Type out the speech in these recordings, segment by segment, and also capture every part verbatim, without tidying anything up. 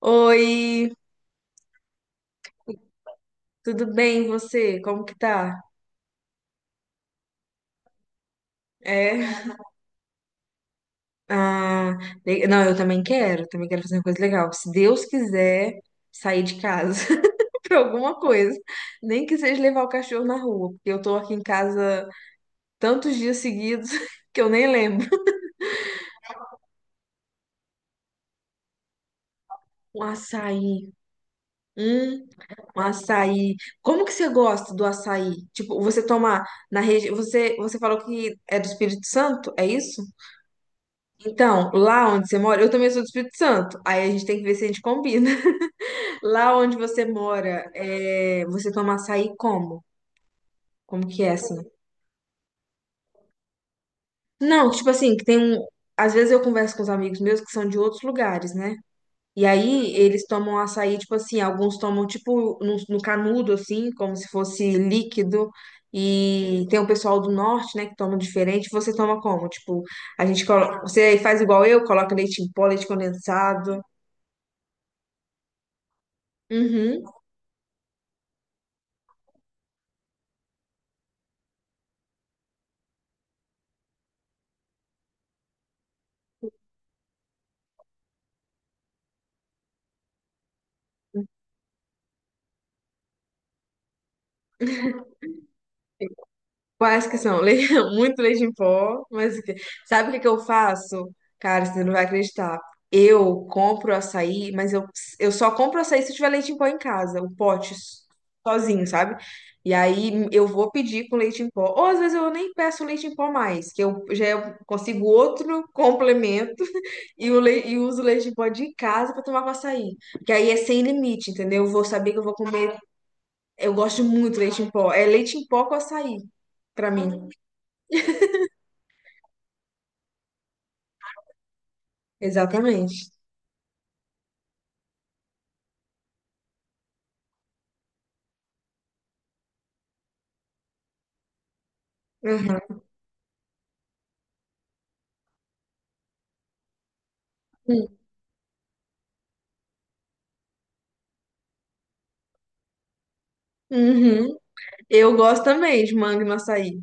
Oi, tudo bem? E você? Como que tá? É? Ah, le- não, eu também quero, também quero fazer uma coisa legal. Se Deus quiser sair de casa pra alguma coisa, nem que seja levar o cachorro na rua, porque eu tô aqui em casa tantos dias seguidos que eu nem lembro. Um açaí, hum, um açaí. Como que você gosta do açaí? Tipo, você toma na região, você, você falou que é do Espírito Santo, é isso? Então, lá onde você mora, eu também sou do Espírito Santo. Aí a gente tem que ver se a gente combina. Lá onde você mora, é, você toma açaí como? Como que é assim? Não, tipo assim, que tem um. Às vezes eu converso com os amigos meus que são de outros lugares, né? E aí eles tomam açaí, tipo assim, alguns tomam tipo no, no canudo, assim, como se fosse líquido. E tem o pessoal do norte, né, que toma diferente. Você toma como? Tipo, a gente coloca. Você faz igual eu, coloca leite em pó, leite condensado. Uhum. Quais que são? Le- Muito leite em pó, mas o quê? Sabe o que que eu faço? Cara, você não vai acreditar. Eu compro açaí, mas eu, eu só compro açaí se eu tiver leite em pó em casa, o pote sozinho, sabe? E aí eu vou pedir com leite em pó. Ou às vezes eu nem peço leite em pó mais, que eu já consigo outro complemento e, o le- e uso leite em pó de casa pra tomar com açaí. Que aí é sem limite, entendeu? Eu vou saber que eu vou comer. Eu gosto muito de leite em pó. É leite em pó com açaí, pra mim. Exatamente. Aham. Uhum. Eu gosto também de manga no açaí.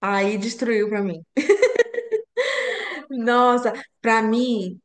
Aí destruiu pra mim. Nossa, pra mim,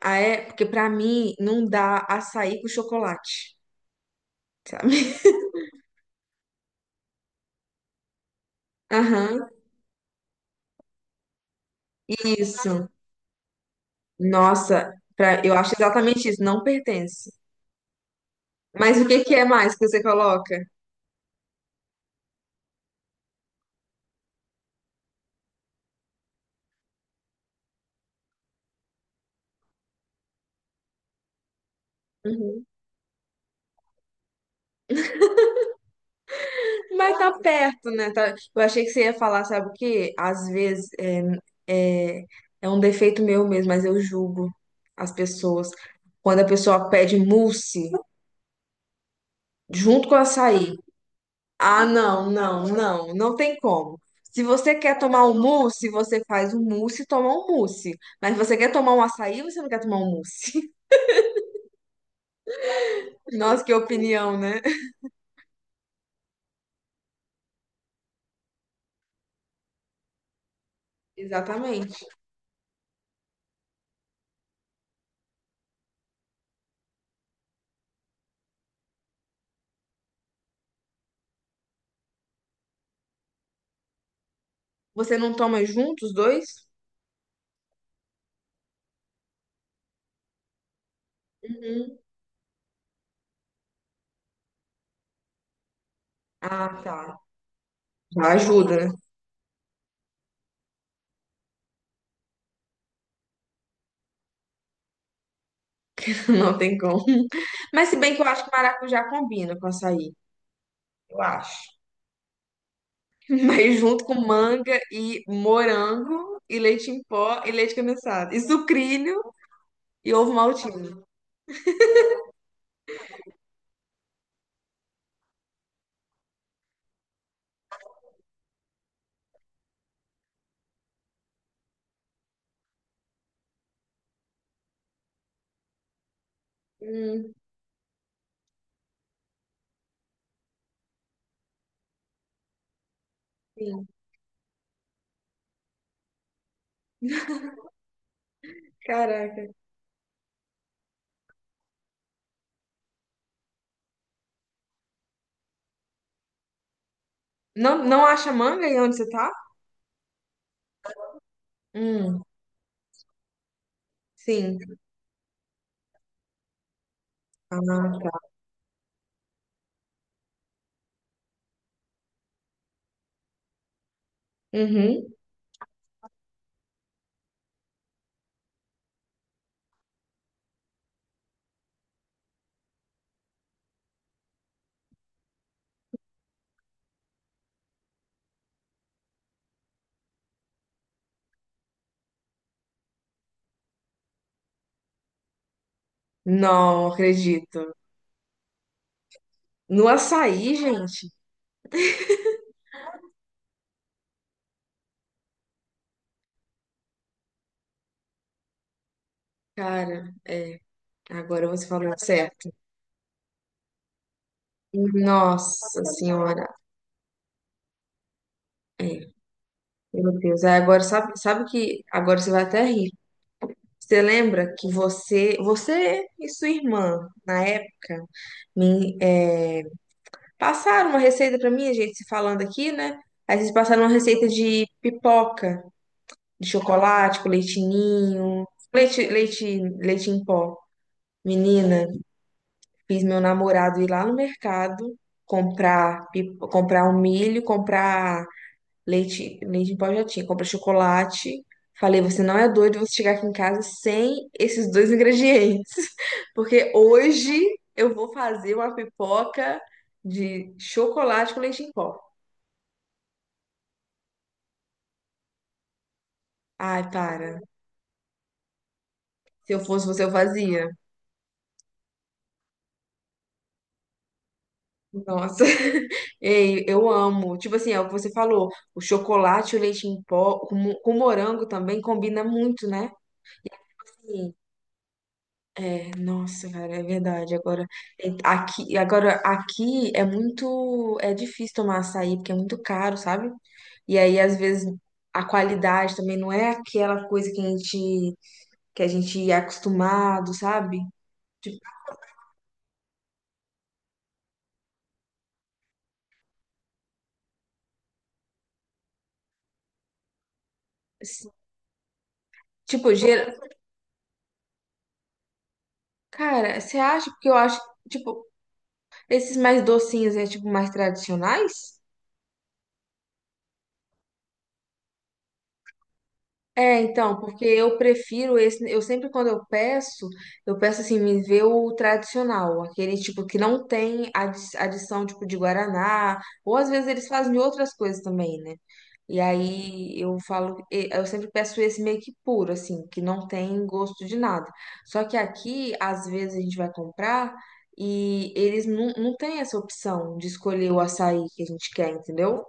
a é, porque pra mim não dá açaí com chocolate, sabe? Aham, isso. Nossa, pra, eu acho exatamente isso, não pertence. Mas o que que é mais que você coloca? Mas tá perto, né? Tá- eu achei que você ia falar, sabe o quê? Às vezes é, é, é um defeito meu mesmo, mas eu julgo as pessoas. Quando a pessoa pede mousse junto com açaí. Ah, não, não, não, não tem como. Se você quer tomar um mousse, você faz um mousse e toma um mousse. Mas se você quer tomar um açaí, você não quer tomar um mousse. Nossa, que opinião, né? Exatamente. Você não toma junto os dois? Uhum. Ah, tá. Já ajuda, não tem como. Mas se bem que eu acho que maracujá combina com açaí, eu acho. Mas junto com manga e morango e leite em pó e leite condensado. E sucrilho e ovo maltine. Hum, sim. Caraca. Não, não acha manga aí onde você tá? Hum, sim. Ah, tá. Uhum. Não acredito. No açaí, gente. Cara, é, agora você falou certo. Nossa senhora. É. Meu Deus, aí agora sabe, sabe que agora você vai até rir. Você lembra que você, você e sua irmã, na época, me, é, passaram uma receita pra mim, a gente se falando aqui, né? Aí vocês passaram uma receita de pipoca, de chocolate com leitinho, leite, leite, leite em pó. Menina, fiz meu namorado ir lá no mercado comprar, pip- comprar um milho, comprar leite, leite em pó já tinha. Comprei chocolate. Falei, você não é doido você chegar aqui em casa sem esses dois ingredientes. Porque hoje eu vou fazer uma pipoca de chocolate com leite em pó. Ai, para. Se eu fosse você, eu fazia. Nossa. Ei, eu amo. Tipo assim, é o que você falou. O chocolate e o leite em pó com, mo- com morango também combina muito, né? Assim, nossa, cara, é verdade. Agora é, aqui, agora aqui é muito, é difícil tomar açaí porque é muito caro, sabe? E aí às vezes a qualidade também não é aquela coisa que a gente que a gente é acostumado, sabe? Tipo, se- tipo, gera- cara, você acha porque eu acho, tipo, esses mais docinhos é tipo mais tradicionais? É, então, porque eu prefiro esse, eu sempre quando eu peço, eu peço assim, me vê o tradicional, aquele tipo que não tem adi- adição tipo de guaraná, ou às vezes eles fazem de outras coisas também, né? E aí eu falo, e- eu sempre peço esse meio que puro, assim, que não tem gosto de nada. Só que aqui, às vezes a gente vai comprar e eles não, não têm essa opção de escolher o açaí que a gente quer, entendeu?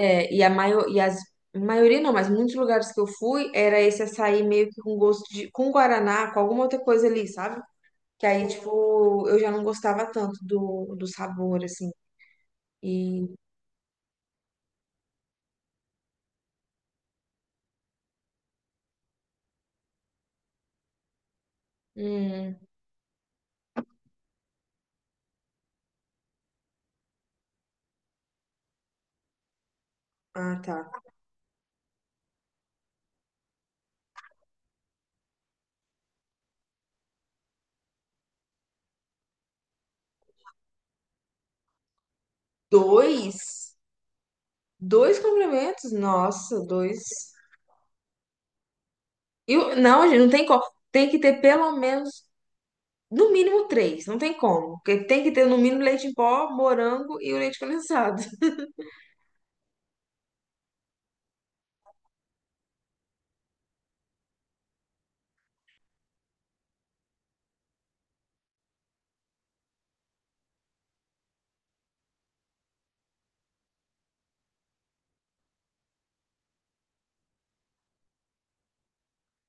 É, e a maior, e as maioria não, mas muitos lugares que eu fui era esse açaí meio que com gosto de com guaraná, com alguma outra coisa ali, sabe? Que aí tipo, eu já não gostava tanto do, do sabor assim. E hum, ah, tá. Dois, dois complementos. Nossa, dois. E o- não, gente, não tem como. Tem que ter pelo menos no mínimo três, não tem como. Porque tem que ter no mínimo leite em pó, morango e o leite condensado.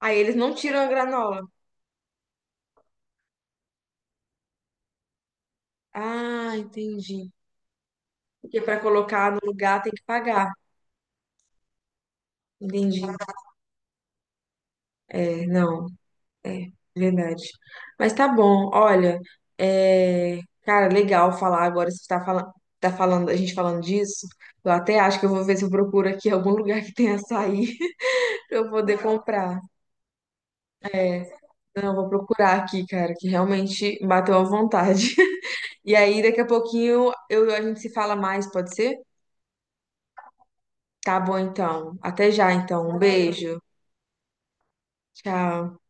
Aí eles não tiram a granola. Ah, entendi. Porque para colocar no lugar tem que pagar. Entendi. É, não, é verdade. Mas tá bom, olha, é, cara, legal falar agora. Você tá falando, tá falando, a gente falando disso. Eu até acho que eu vou ver se eu procuro aqui algum lugar que tenha açaí pra eu poder comprar. Não, eu vou procurar aqui, cara, que realmente bateu à vontade. E aí, daqui a pouquinho, eu, a gente se fala mais, pode ser? Tá bom, então. Até já, então. Um beijo. Tchau.